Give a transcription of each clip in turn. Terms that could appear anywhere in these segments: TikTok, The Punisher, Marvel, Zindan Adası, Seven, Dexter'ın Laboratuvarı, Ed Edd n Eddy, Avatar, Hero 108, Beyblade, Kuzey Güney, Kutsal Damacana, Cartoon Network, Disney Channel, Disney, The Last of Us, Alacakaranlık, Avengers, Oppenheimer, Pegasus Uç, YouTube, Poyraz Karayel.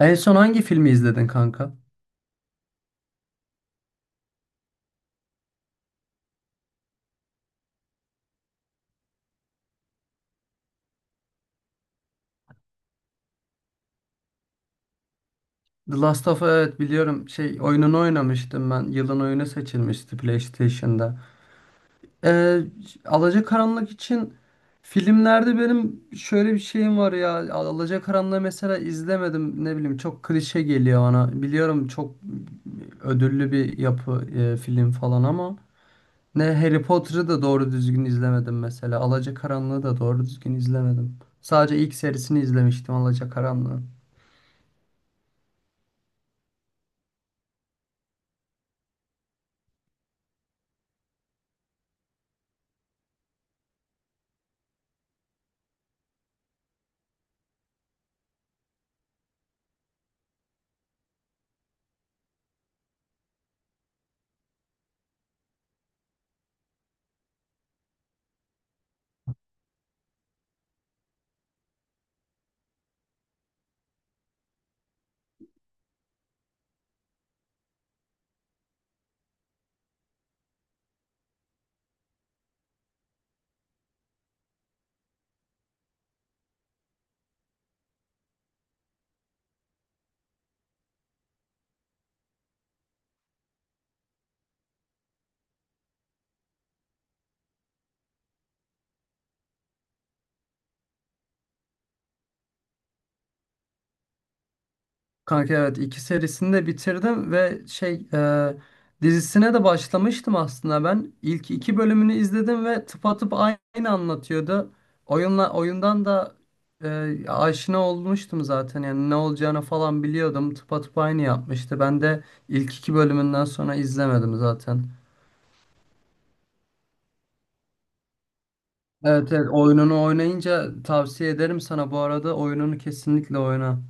En son hangi filmi izledin kanka? The Last of Us, evet biliyorum. Şey oyununu oynamıştım ben. Yılın oyunu seçilmişti PlayStation'da. Ee, Alacakaranlık için filmlerde benim şöyle bir şeyim var ya. Alacakaranlığı mesela izlemedim. Ne bileyim çok klişe geliyor bana. Biliyorum çok ödüllü bir yapı film falan ama ne Harry Potter'ı da doğru düzgün izlemedim mesela. Alacakaranlığı da doğru düzgün izlemedim. Sadece ilk serisini izlemiştim Alacakaranlığı. Kanka evet, iki serisini de bitirdim ve şey dizisine de başlamıştım aslında ben. İlk iki bölümünü izledim ve tıpatıp aynı anlatıyordu. Oyunla oyundan da aşina olmuştum zaten, yani ne olacağını falan biliyordum. Tıpatıp aynı yapmıştı. Ben de ilk iki bölümünden sonra izlemedim zaten. Evet evet, oyununu oynayınca tavsiye ederim sana, bu arada oyununu kesinlikle oyna.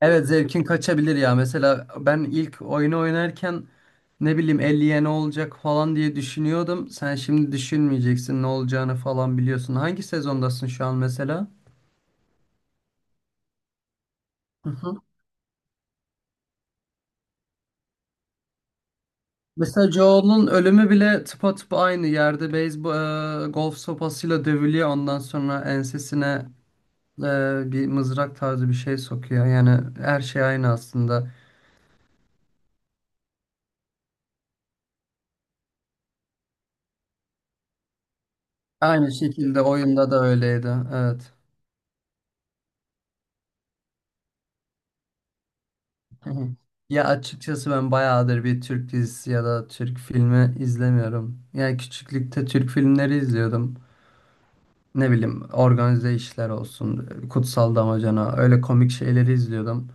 Evet, zevkin kaçabilir ya. Mesela ben ilk oyunu oynarken ne bileyim elliye ne olacak falan diye düşünüyordum. Sen şimdi düşünmeyeceksin, ne olacağını falan biliyorsun. Hangi sezondasın şu an mesela? Hı hı. Mesela Joel'un ölümü bile tıpatıp aynı yerde beyzbol, golf sopasıyla dövülüyor. Ondan sonra ensesine bir mızrak tarzı bir şey sokuyor. Yani her şey aynı aslında. Aynı şekilde oyunda da öyleydi. Evet. Hı hı. Ya açıkçası ben bayağıdır bir Türk dizisi ya da Türk filmi izlemiyorum. Yani küçüklükte Türk filmleri izliyordum. Ne bileyim, organize işler olsun, Kutsal Damacana, öyle komik şeyleri izliyordum.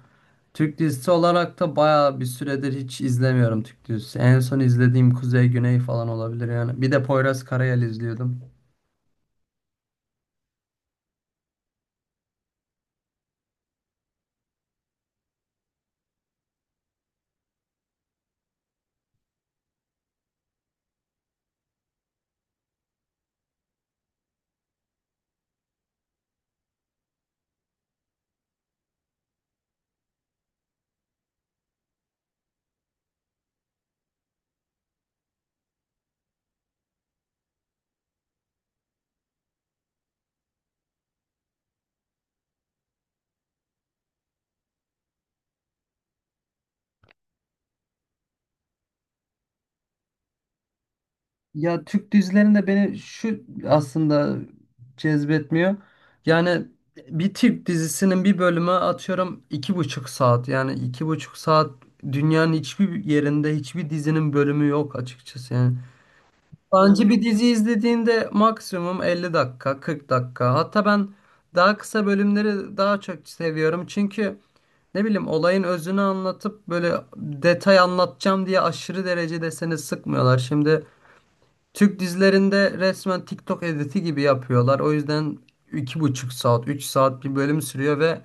Türk dizisi olarak da bayağı bir süredir hiç izlemiyorum Türk dizisi. En son izlediğim Kuzey Güney falan olabilir yani. Bir de Poyraz Karayel izliyordum. Ya Türk dizilerinde beni şu aslında cezbetmiyor. Yani bir Türk dizisinin bir bölümü atıyorum iki buçuk saat. Yani iki buçuk saat, dünyanın hiçbir yerinde hiçbir dizinin bölümü yok açıkçası yani. Bence bir dizi izlediğinde maksimum 50 dakika, 40 dakika. Hatta ben daha kısa bölümleri daha çok seviyorum. Çünkü ne bileyim olayın özünü anlatıp böyle detay anlatacağım diye aşırı derecede seni sıkmıyorlar. Şimdi Türk dizilerinde resmen TikTok editi gibi yapıyorlar. O yüzden iki buçuk saat, 3 saat bir bölüm sürüyor ve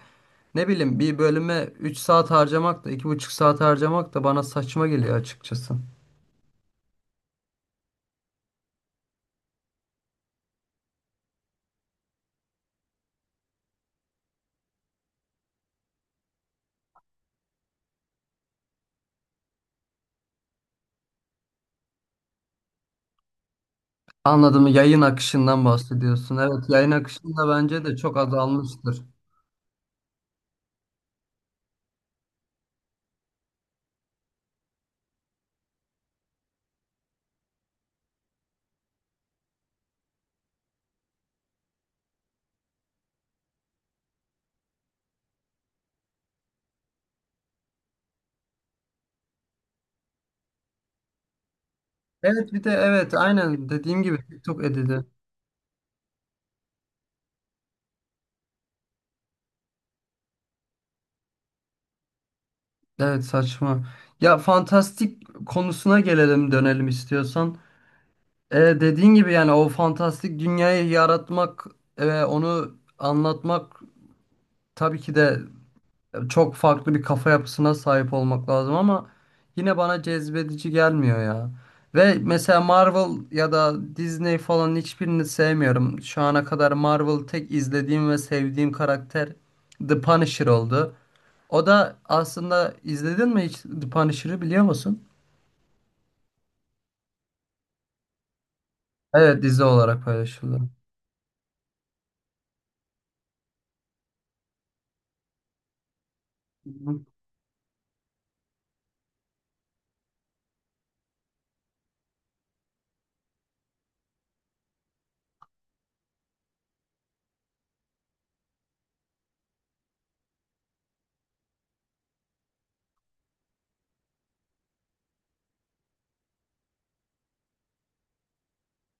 ne bileyim bir bölüme 3 saat harcamak da iki buçuk saat harcamak da bana saçma geliyor açıkçası. Anladım. Yayın akışından bahsediyorsun. Evet, yayın akışında bence de çok azalmıştır. Evet, bir de evet aynen dediğim gibi TikTok editi. Evet, saçma. Ya fantastik konusuna gelelim dönelim istiyorsan. Dediğin gibi yani o fantastik dünyayı yaratmak ve onu anlatmak tabii ki de çok farklı bir kafa yapısına sahip olmak lazım ama yine bana cezbedici gelmiyor ya. Ve mesela Marvel ya da Disney falan hiçbirini sevmiyorum. Şu ana kadar Marvel tek izlediğim ve sevdiğim karakter The Punisher oldu. O da aslında, izledin mi hiç The Punisher'ı, biliyor musun? Evet, dizi olarak paylaşıldı. Hı hı.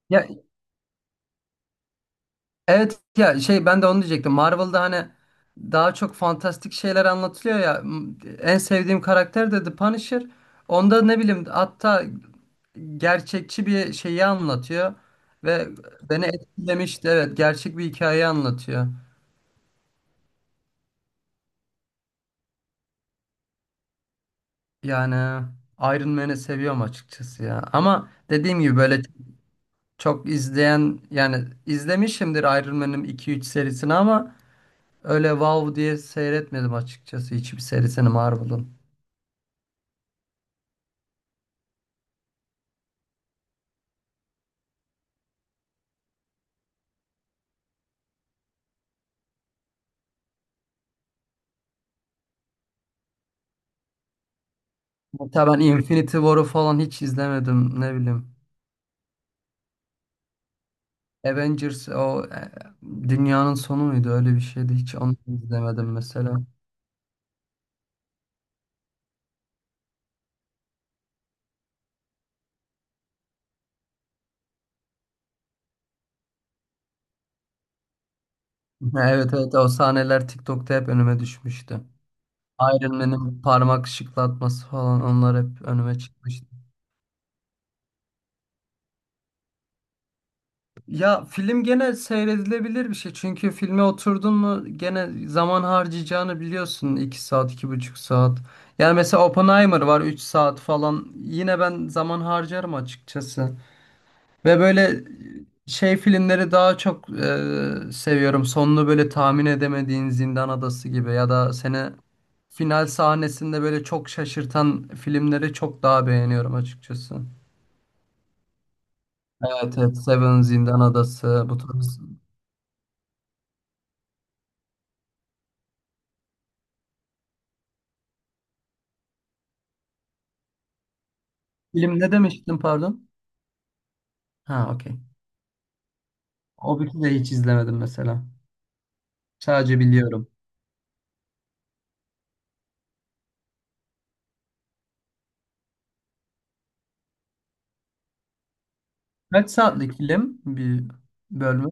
Ya Evet ya, şey, ben de onu diyecektim. Marvel'da hani daha çok fantastik şeyler anlatılıyor ya. En sevdiğim karakter de The Punisher. Onda ne bileyim, hatta gerçekçi bir şeyi anlatıyor ve beni etkilemişti. Evet, gerçek bir hikayeyi anlatıyor. Yani Iron Man'i seviyorum açıkçası ya. Ama dediğim gibi böyle çok izleyen, yani izlemişimdir Iron Man'in 2-3 serisini ama öyle wow diye seyretmedim açıkçası hiçbir serisini Marvel'ın. Hatta ben Infinity War'u falan hiç izlemedim, ne bileyim. Avengers o dünyanın sonu muydu, öyle bir şeydi, hiç onu izlemedim mesela. Ha, evet evet, o sahneler TikTok'ta hep önüme düşmüştü. Iron Man'in parmak şıklatması falan, onlar hep önüme çıkmıştı. Ya film gene seyredilebilir bir şey. Çünkü filme oturdun mu gene zaman harcayacağını biliyorsun. İki saat, iki buçuk saat. Yani mesela Oppenheimer var, 3 saat falan. Yine ben zaman harcarım açıkçası. Ve böyle şey filmleri daha çok seviyorum. Sonunu böyle tahmin edemediğin Zindan Adası gibi ya da seni final sahnesinde böyle çok şaşırtan filmleri çok daha beğeniyorum açıkçası. Evet, evet. Seven, Zindan Adası bu tarz. Film ne demiştin, pardon? Ha, okey. O bir de hiç izlemedim mesela. Sadece biliyorum. Kaç saatlik film bir bölümü?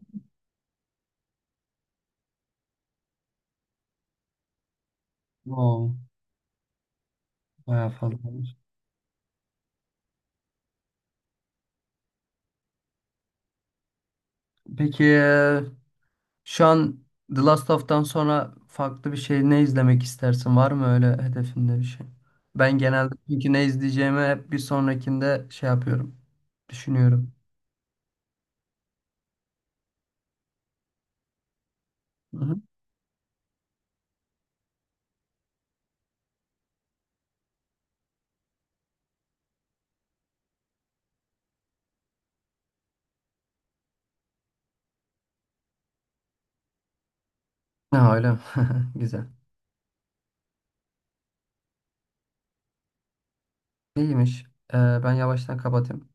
Oo, bayağı fazla olmuş. Peki şu an The Last of'tan sonra farklı bir şey ne izlemek istersin? Var mı öyle hedefinde bir şey? Ben genelde çünkü ne izleyeceğimi hep bir sonrakinde şey yapıyorum. Düşünüyorum. Hı hı. Ha, öyle mi? Güzel. İyiymiş. Ee, Ben yavaştan kapatayım.